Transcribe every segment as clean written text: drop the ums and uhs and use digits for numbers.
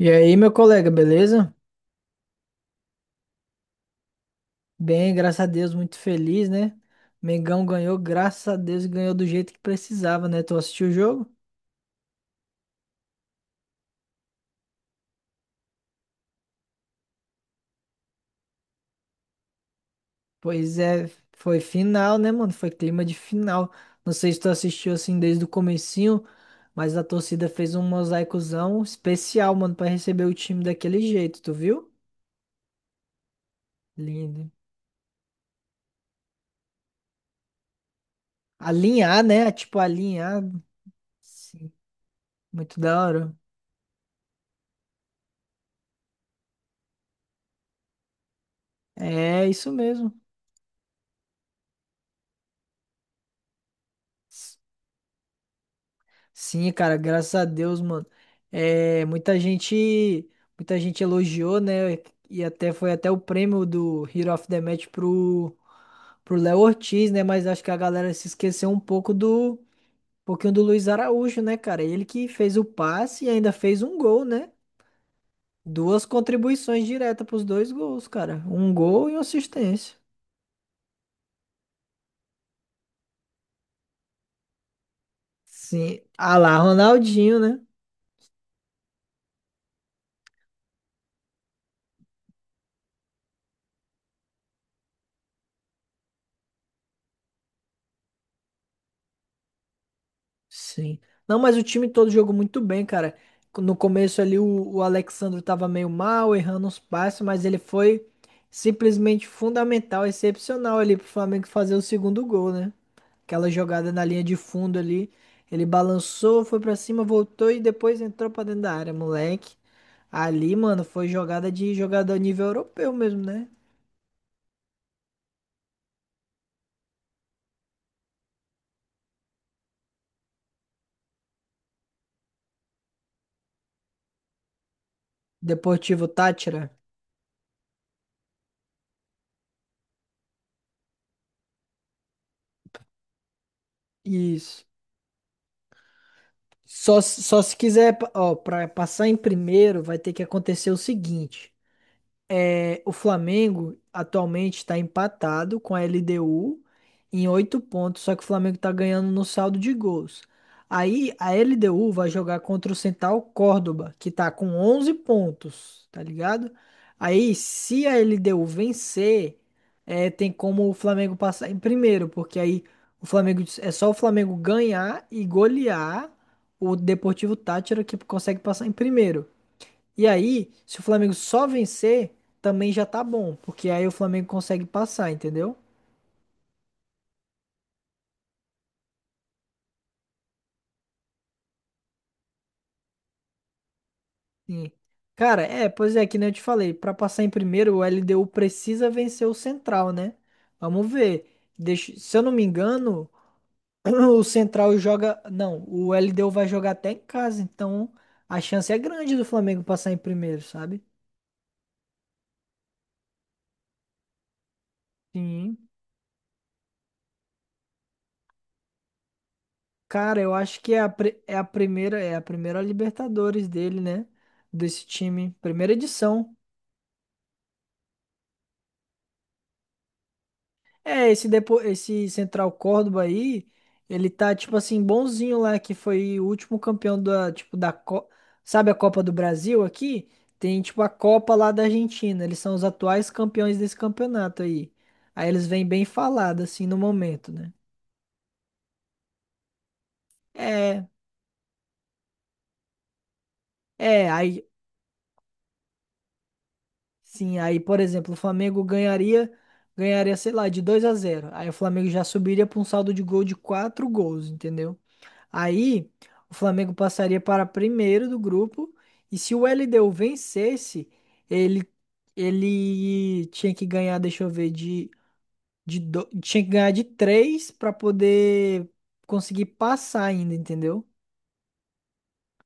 E aí, meu colega, beleza? Bem, graças a Deus, muito feliz, né? Mengão ganhou, graças a Deus, e ganhou do jeito que precisava, né? Tu assistiu o jogo? Pois é, foi final, né, mano? Foi clima de final. Não sei se tu assistiu assim desde o comecinho, mas a torcida fez um mosaicozão especial, mano, pra receber o time daquele jeito, tu viu? Lindo. Alinhar, né? Tipo, alinhar. Sim, muito da hora. É isso mesmo. Sim, cara, graças a Deus, mano. É, muita gente elogiou, né? E até foi até o prêmio do Hero of the Match pro Léo Ortiz, né? Mas acho que a galera se esqueceu um pouco do um pouquinho do Luiz Araújo, né, cara? Ele que fez o passe e ainda fez um gol, né? Duas contribuições diretas pros dois gols, cara. Um gol e uma assistência. Sim. Ah lá, Ronaldinho, né? Sim. Não, mas o time todo jogou muito bem, cara. No começo ali o Alexandre tava meio mal, errando uns passes, mas ele foi simplesmente fundamental, excepcional ali pro Flamengo fazer o segundo gol, né? Aquela jogada na linha de fundo ali, ele balançou, foi pra cima, voltou e depois entrou pra dentro da área, moleque. Ali, mano, foi jogada de jogador nível europeu mesmo, né? Deportivo Táchira. Isso. Só, só se quiser, ó, para passar em primeiro, vai ter que acontecer o seguinte. É, o Flamengo atualmente está empatado com a LDU em oito pontos, só que o Flamengo está ganhando no saldo de gols. Aí a LDU vai jogar contra o Central Córdoba, que tá com 11 pontos, tá ligado? Aí se a LDU vencer, é, tem como o Flamengo passar em primeiro, porque aí o Flamengo é só o Flamengo ganhar e golear o Deportivo Táchira que consegue passar em primeiro. E aí, se o Flamengo só vencer, também já tá bom, porque aí o Flamengo consegue passar, entendeu? Sim. Cara, é, pois é, que nem eu te falei, pra passar em primeiro, o LDU precisa vencer o Central, né? Vamos ver. Deixa- se eu não me engano, o Central joga. Não, o LDU vai jogar até em casa, então a chance é grande do Flamengo passar em primeiro, sabe? Sim. Cara, eu acho que é a, pri- é a primeira Libertadores dele, né? Desse time, primeira edição. É, esse, depo... esse Central Córdoba aí, ele tá, tipo assim, bonzinho lá, que foi o último campeão da, tipo, da Co... Sabe a Copa do Brasil aqui? Tem, tipo, a Copa lá da Argentina. Eles são os atuais campeões desse campeonato aí. Aí eles vêm bem falados assim, no momento, né? É, é, aí, sim, aí, por exemplo, o Flamengo ganharia, ganharia, sei lá, de 2 a zero. Aí o Flamengo já subiria pra um saldo de gol de 4 gols, entendeu? Aí, o Flamengo passaria para primeiro do grupo. E se o LDU vencesse, ele, ele tinha que ganhar, deixa eu ver, de, tinha que ganhar de três para poder conseguir passar ainda, entendeu?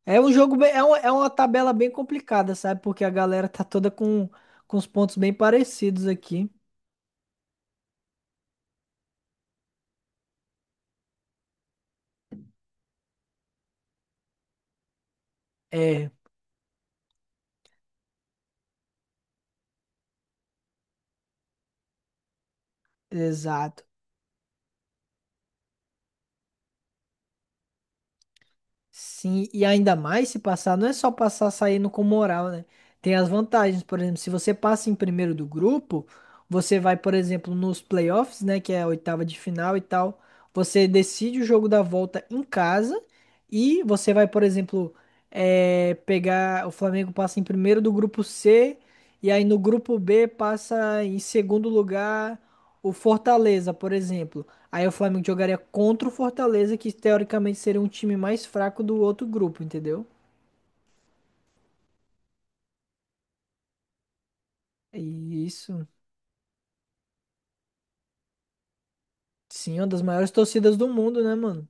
É um jogo bem, é, um- é uma tabela bem complicada, sabe? Porque a galera tá toda com os pontos bem parecidos aqui. É, exato. Sim, e ainda mais se passar, não é só passar saindo com moral, né? Tem as vantagens, por exemplo, se você passa em primeiro do grupo, você vai, por exemplo, nos playoffs, né, que é a oitava de final e tal, você decide o jogo da volta em casa e você vai, por exemplo, pegar, o Flamengo passa em primeiro do grupo C e aí no grupo B passa em segundo lugar o Fortaleza, por exemplo. Aí o Flamengo jogaria contra o Fortaleza, que teoricamente seria um time mais fraco do outro grupo, entendeu? E isso, sim, uma das maiores torcidas do mundo, né, mano?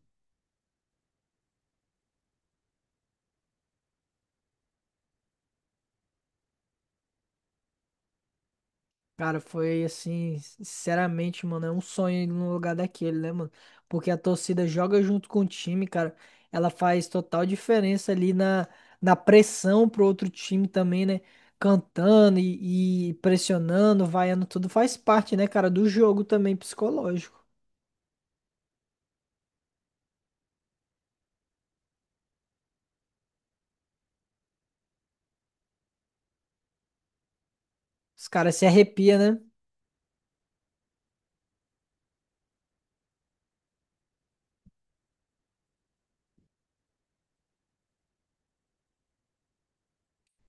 Cara, foi assim, sinceramente, mano, é um sonho ir num lugar daquele, né, mano? Porque a torcida joga junto com o time, cara. Ela faz total diferença ali na, na pressão pro outro time também, né? Cantando e pressionando, vaiando, tudo faz parte, né, cara, do jogo também psicológico. Os caras se arrepiam, né?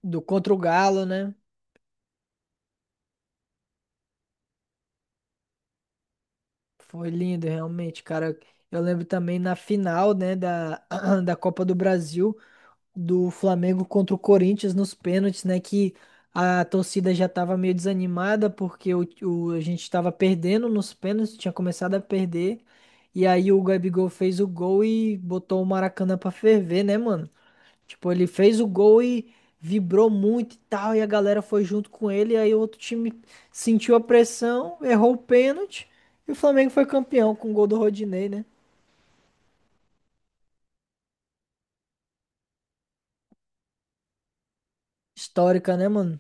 Do contra o Galo, né? Foi lindo, realmente, cara. Eu lembro também na final, né, da, da Copa do Brasil, do Flamengo contra o Corinthians nos pênaltis, né, que a torcida já tava meio desanimada porque a gente tava perdendo nos pênaltis, tinha começado a perder. E aí o Gabigol fez o gol e botou o Maracanã pra ferver, né, mano? Tipo, ele fez o gol e vibrou muito e tal, e a galera foi junto com ele, e aí o outro time sentiu a pressão, errou o pênalti, e o Flamengo foi campeão com o gol do Rodinei, né? Histórica, né, mano?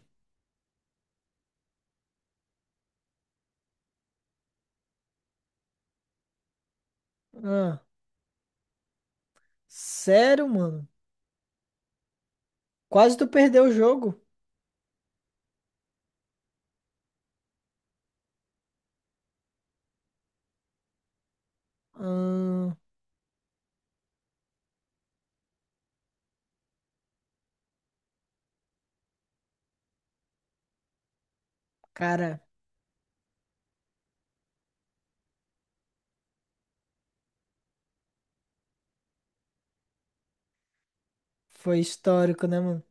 Ah, sério, mano? Quase tu perdeu o jogo? Ah, cara, foi histórico, né, mano?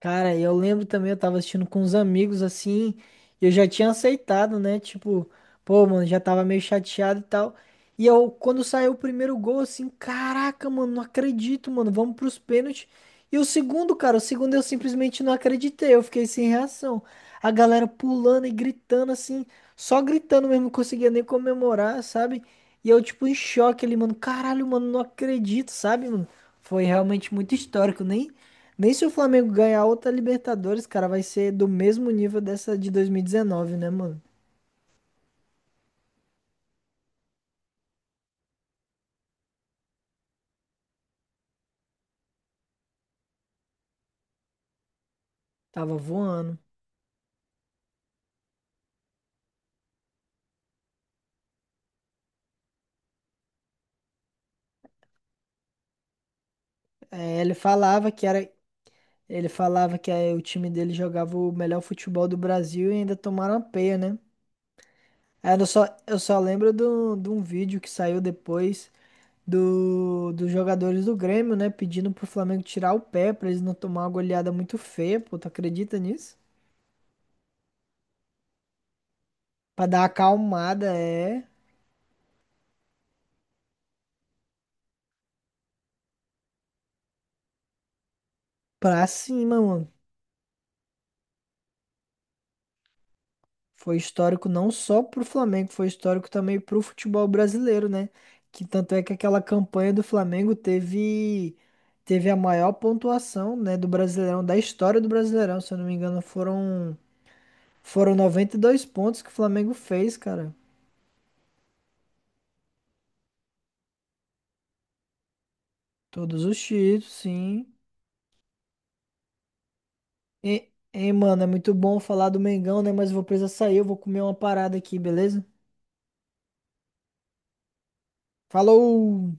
Cara, eu lembro também, eu tava assistindo com uns amigos assim, e eu já tinha aceitado, né? Tipo, pô, mano, já tava meio chateado e tal. E eu, quando saiu o primeiro gol, assim, caraca, mano, não acredito, mano, vamos pros pênaltis. E o segundo, cara, o segundo eu simplesmente não acreditei, eu fiquei sem reação. A galera pulando e gritando, assim, só gritando mesmo, não conseguia nem comemorar, sabe? E eu, tipo, em choque ali, mano, caralho, mano, não acredito, sabe, mano? Foi realmente muito histórico, nem. Nem se o Flamengo ganhar outra Libertadores, cara, vai ser do mesmo nível dessa de 2019, né, mano? Tava voando. É, ele falava que era, ele falava que é, o time dele jogava o melhor futebol do Brasil e ainda tomaram a peia, né? Aí eu só, eu só lembro de um vídeo que saiu depois do, dos jogadores do Grêmio, né? Pedindo pro Flamengo tirar o pé pra eles não tomar uma goleada muito feia, pô. Tu acredita nisso? Pra dar uma acalmada, é. Pra cima, mano. Foi histórico não só pro Flamengo, foi histórico também pro futebol brasileiro, né? Que tanto é que aquela campanha do Flamengo teve teve a maior pontuação, né, do Brasileirão, da história do Brasileirão, se eu não me engano, foram foram 92 pontos que o Flamengo fez, cara. Todos os títulos, sim. E, mano, é muito bom falar do Mengão, né, mas eu vou precisar sair, eu vou comer uma parada aqui, beleza? Falou!